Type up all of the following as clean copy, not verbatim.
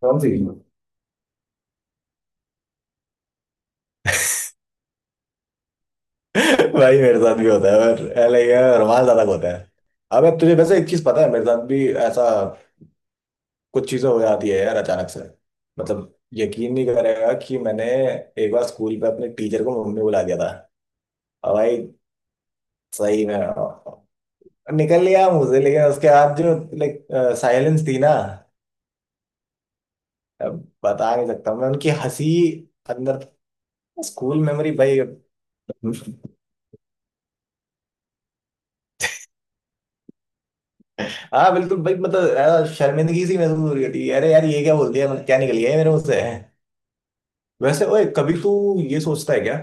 कौन सी? भाई मेरे साथ भी होता है। और लाइक रुमाल ज्यादा होता है। अब तुझे वैसे एक चीज पता है, मेरे साथ भी ऐसा कुछ चीजें हो जाती है यार अचानक से। मतलब यकीन नहीं करेगा कि मैंने एक बार स्कूल पे अपने टीचर को मम्मी बुला दिया था। और भाई सही में निकल लिया मुझे, लेकिन उसके बाद जो लाइक साइलेंस थी ना। अब बता नहीं सकता मैं उनकी हंसी। अंदर स्कूल मेमोरी भाई। हाँ बिल्कुल भाई, मतलब यार, शर्मिंदगी सी महसूस हो रही होती है, अरे यार ये क्या बोल दिया, मतलब क्या निकल गया ये मेरे मुंह से। वैसे ओए कभी तू ये सोचता है क्या,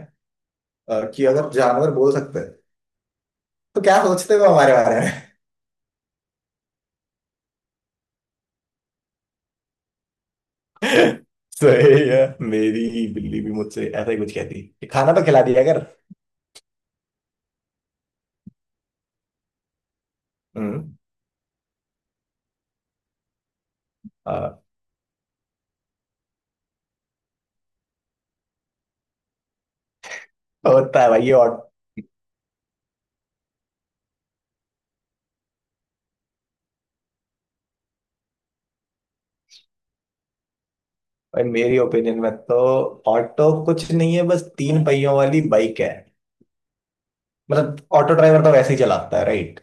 कि अगर जानवर बोल सकते हैं तो क्या सोचते हो हमारे बारे में? सही है। मेरी बिल्ली भी मुझसे ऐसा ही कुछ कहती है कि खाना तो खिला दिया कर। हम्म। हाँ, होता है भाई ये ऑट। भाई मेरी ओपिनियन में तो ऑटो कुछ नहीं है, बस तीन पहियों वाली बाइक है। मतलब ऑटो ड्राइवर तो वैसे ही चलाता है राइट।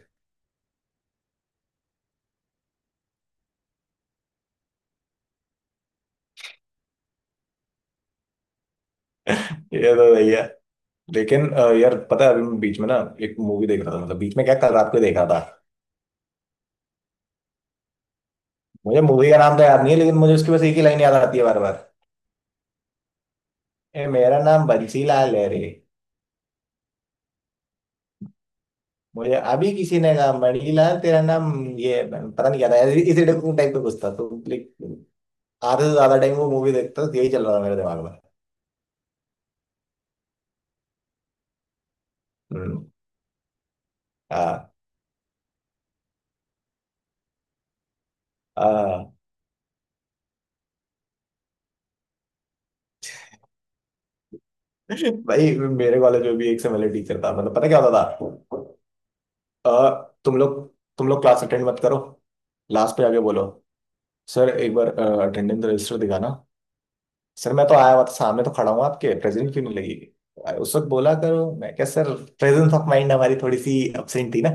ये तो भैया। लेकिन यार पता है अभी मैं बीच में ना एक मूवी देख रहा था, मतलब बीच में क्या, कल रात को देखा था। मुझे मूवी का नाम तो याद नहीं है, लेकिन मुझे उसकी बस एक ही लाइन याद आती है बार बार। ए मेरा नाम बंसीलाल है रे। मुझे अभी किसी ने कहा मणिलाल तेरा नाम, ये पता नहीं क्या था ऐसे- इसी टाइप का कुछ था, तो आधे से ज्यादा टाइम वो मूवी देखता था तो यही चल रहा था मेरे दिमाग में। हम्म। हाँ हाँ। भाई मेरे कॉलेज में भी एक से टीचर था, मतलब पता क्या होता था। अ, तुम लोग तुम लोग क्लास अटेंड मत करो, लास्ट पे आके बोलो सर एक बार अटेंडेंस रजिस्टर दिखाना। सर मैं तो आया हुआ था, सामने तो खड़ा हूँ आपके, प्रेजेंट क्यों नहीं लगी? उस वक्त बोला करो, मैं क्या सर प्रेजेंस ऑफ माइंड हमारी थोड़ी सी एब्सेंट थी ना।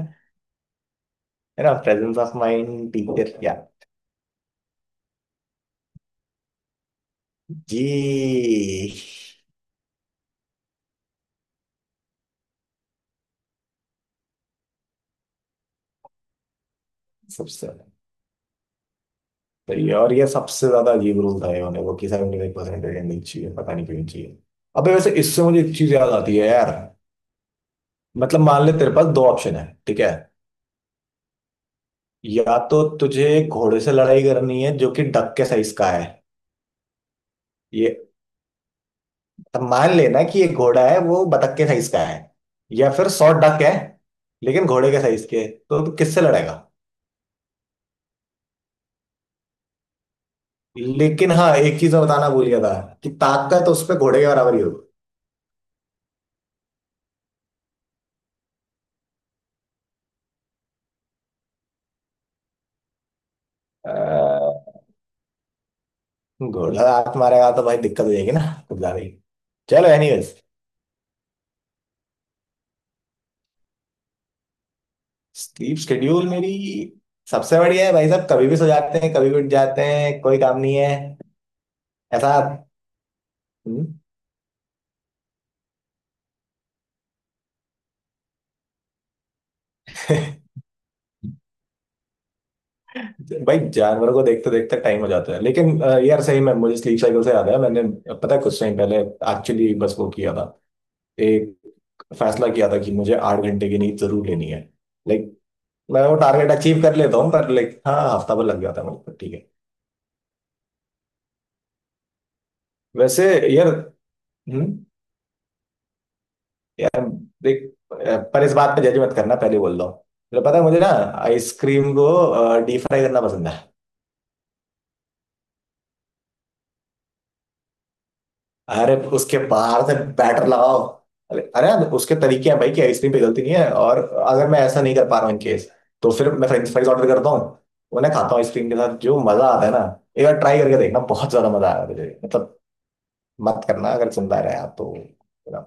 है ना प्रेजेंस ऑफ माइंड टीचर या। जी। सबसे सही है, और ये सबसे ज्यादा अजीब रूल था ये होने को कि 75% अटेंडेंस चाहिए, पता नहीं क्यों चाहिए। अबे वैसे इससे मुझे एक चीज याद आती है यार। मतलब मान ले तेरे पास दो ऑप्शन है ठीक है, या तो तुझे घोड़े से लड़ाई करनी है जो कि डक के साइज का है। ये अब मान लेना कि एक घोड़ा है वो बतख के साइज का है, या फिर सौ डक है लेकिन घोड़े के साइज के है, तो तू किससे लड़ेगा? लेकिन हाँ एक चीज मैं बताना भूल गया था कि ताकत तो उस पे घोड़े के बराबर ही होगी। अ, घोड़ा हाथ मारेगा तो भाई दिक्कत हो जाएगी ना, कुछ ज्यादा ही। चलो एनीवेज। स्लीप शेड्यूल मेरी सबसे बढ़िया है भाई साहब, कभी भी सो जाते हैं कभी भी उठ जाते हैं, कोई काम नहीं है ऐसा। हम्म। भाई जानवरों को देखते देखते टाइम हो जाता है, लेकिन यार सही में मुझे स्लीप साइकिल से याद है मैंने। पता है कुछ टाइम पहले एक्चुअली बस वो किया था, एक फैसला किया था कि मुझे आठ घंटे की नींद जरूर लेनी है। लाइक मैं वो टारगेट अचीव कर लेता हूँ, पर लाइक हाँ हफ्ता भर लग जाता है मुझे ठीक है। वैसे यार हम्म देख, पर इस बात पे जज मत करना पहले बोल रहा हूँ। तो पता है मुझे ना, आइसक्रीम को डीप फ्राई करना पसंद है। अरे उसके बाहर से बैटर लगाओ। अरे अरे यार, उसके तरीके हैं भाई कि आइसक्रीम पे गलती नहीं है, और अगर मैं ऐसा नहीं कर पा रहा हूँ इन केस तो फिर मैं फ्रेंच फ्राइज ऑर्डर करता हूँ, उन्हें खाता हूँ आइसक्रीम के साथ जो मजा आता है ना। एक बार ट्राई करके देखना, बहुत ज्यादा मजा आया मुझे मतलब। मत करना अगर सुनता रहे आप तो।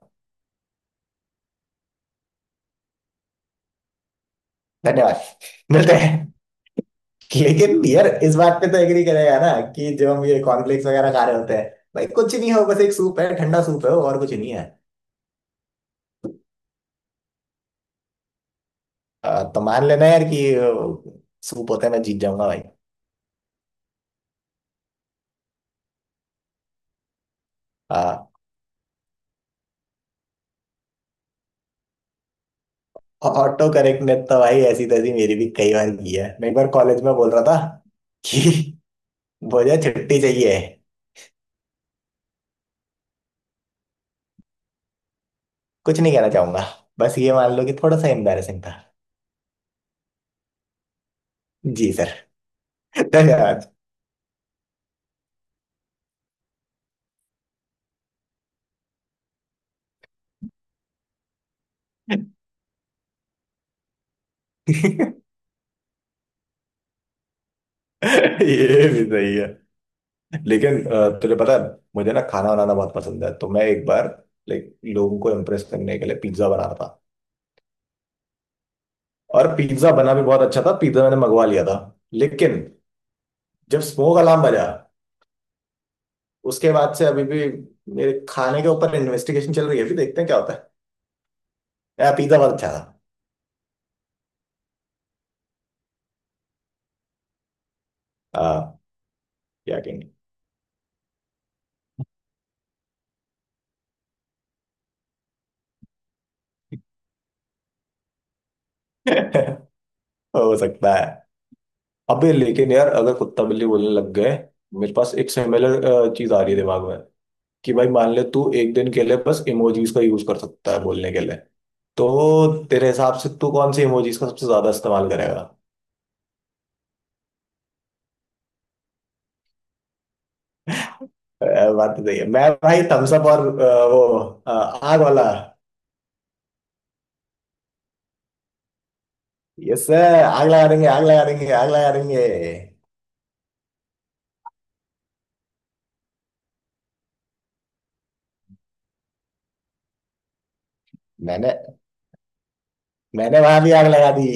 धन्यवाद। मिलते हैं। लेकिन यार इस बात पे तो एग्री करेगा ना, कि जब हम ये कॉर्नफ्लेक्स वगैरह खा रहे होते हैं भाई कुछ नहीं हो, बस एक सूप है, ठंडा सूप है वो, और कुछ नहीं है। तो मान लेना यार कि सूप होता है, मैं जीत जाऊंगा। भाई ऑटो करेक्ट ने तो भाई ऐसी तैसी मेरी भी कई बार की है। मैं एक बार कॉलेज में बोल रहा था कि मुझे छुट्टी चाहिए। कुछ नहीं कहना चाहूंगा, बस ये मान लो कि थोड़ा सा एम्बैरेसिंग था। जी सर। धन्यवाद। ये भी सही है। लेकिन तुझे पता है मुझे ना खाना बनाना बहुत पसंद है, तो मैं एक बार लाइक लोगों को इम्प्रेस करने के लिए पिज्जा बना रहा था। और पिज्जा बना भी बहुत अच्छा था, पिज्जा मैंने मंगवा लिया था। लेकिन जब स्मोक अलार्म बजा, उसके बाद से अभी भी मेरे खाने के ऊपर इन्वेस्टिगेशन चल रही है, अभी देखते हैं क्या होता है। यार पिज्जा बहुत अच्छा था। हाँ। क्या कहेंगे? हो सकता है। अबे लेकिन यार अगर कुत्ता बिल्ली बोलने लग गए, मेरे पास एक सिमिलर चीज आ रही है दिमाग में, कि भाई मान ले तू एक दिन के लिए बस इमोजीज का यूज कर सकता है बोलने के लिए, तो तेरे हिसाब से तू कौन सी इमोजीज का सबसे ज्यादा इस्तेमाल करेगा? बात तो सही है। मैं भाई थम्स अप और वो, आग वाला। यस सर आग लगा देंगे आग लगा देंगे आग लगा देंगे। मैंने, मैंने वहां भी आग लगा दी।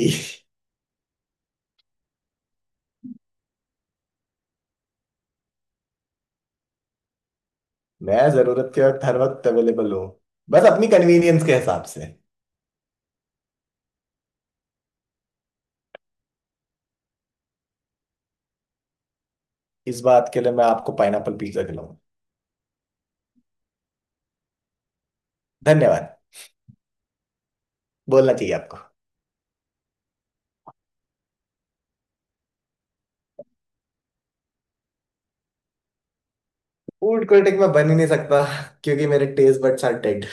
मैं जरूरत के वक्त हर वक्त अवेलेबल हूँ, बस अपनी कन्वीनियंस के हिसाब से। इस बात के लिए मैं आपको पाइनएप्पल पिज्जा खिलाऊंगा। धन्यवाद बोलना चाहिए आपको। फूड क्रिटिक मैं बन ही नहीं सकता क्योंकि मेरे टेस्ट बड्स आर डेड।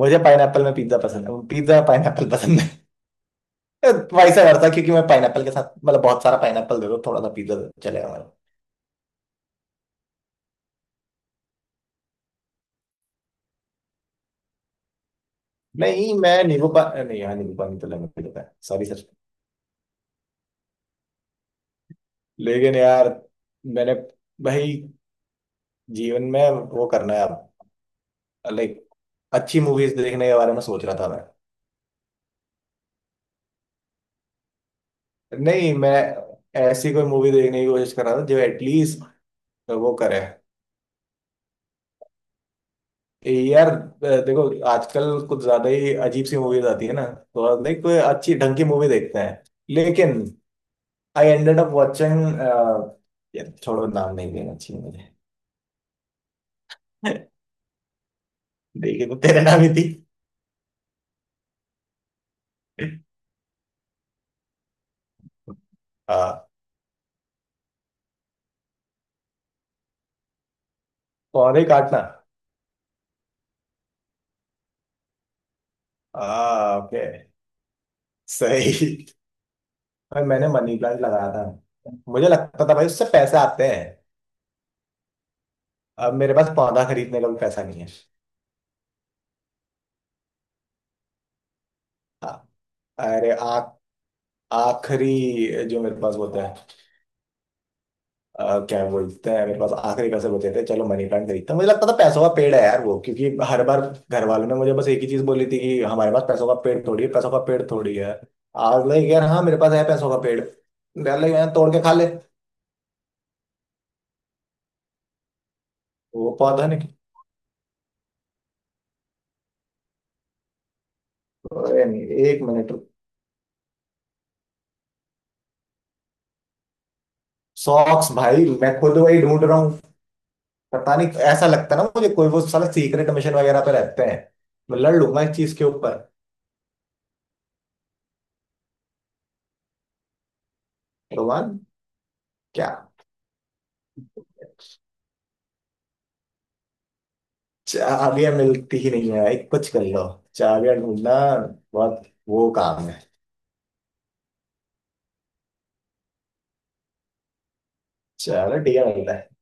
मुझे पाइनएप्पल में पिज्जा पसंद है, पिज्जा पाइनएप्पल पसंद है। वैसा करता क्योंकि मैं पाइनएप्पल के साथ, मतलब बहुत सारा पाइनएप्पल दे दो थोड़ा सा पिज्जा, चलेगा हमारा। नहीं मैं नींबू पा नहीं यार नींबू पानी तो लेमन पीता है सॉरी सर। लेकिन यार मैंने भाई जीवन में वो करना है अब। लाइक अच्छी मूवीज देखने के बारे में सोच रहा था मैं। नहीं मैं ऐसी कोई मूवी देखने की कोशिश कर रहा था जो एटलीस्ट वो करे। यार देखो, आजकल कुछ ज्यादा ही अजीब सी मूवीज आती है ना, तो लाइक कोई अच्छी ढंग की मूवी देखते हैं, लेकिन आई एंडेड अप वॉचिंग, छोड़ो नाम नहीं लेना चाहिए मुझे। देखी तो तेरे नाम ही थी। हाँ, पौधे काटना। हाँ ओके, सही। भाई मैंने मनी प्लांट लगाया था, मुझे लगता था भाई उससे पैसे आते हैं। अब मेरे पास पौधा खरीदने का भी पैसा नहीं है। हाँ। अरे आ, आखिरी जो मेरे पास होता है, क्या बोलते हैं, मेरे पास आखिरी पैसे बचे थे, चलो मनी प्लांट खरीदता हूं। मुझे लगता था पैसों का पेड़ है यार वो, क्योंकि हर बार घर वालों ने मुझे बस एक ही चीज बोली थी कि हमारे पास पैसों का पेड़ थोड़ी है, पैसों का पेड़ थोड़ी है। आज लाइक यार हाँ मेरे पास है पैसों का पेड़। यार लाइक यार तोड़ के खा ले। वो पौधा निकल, अरे नहीं, एक मिनट। सॉक्स भाई मैं खुद वही ढूंढ रहा हूँ। पता नहीं ऐसा लगता है ना मुझे, कोई वो साला सीक्रेट मिशन वगैरह पे रहते हैं। मैं लड़ लूंगा इस चीज के ऊपर। भगवान। क्या? चाबियां मिलती ही नहीं है भाई, कुछ कर लो। चाबियां ढूंढना बहुत वो काम है। चलो ठीक है मिलता है।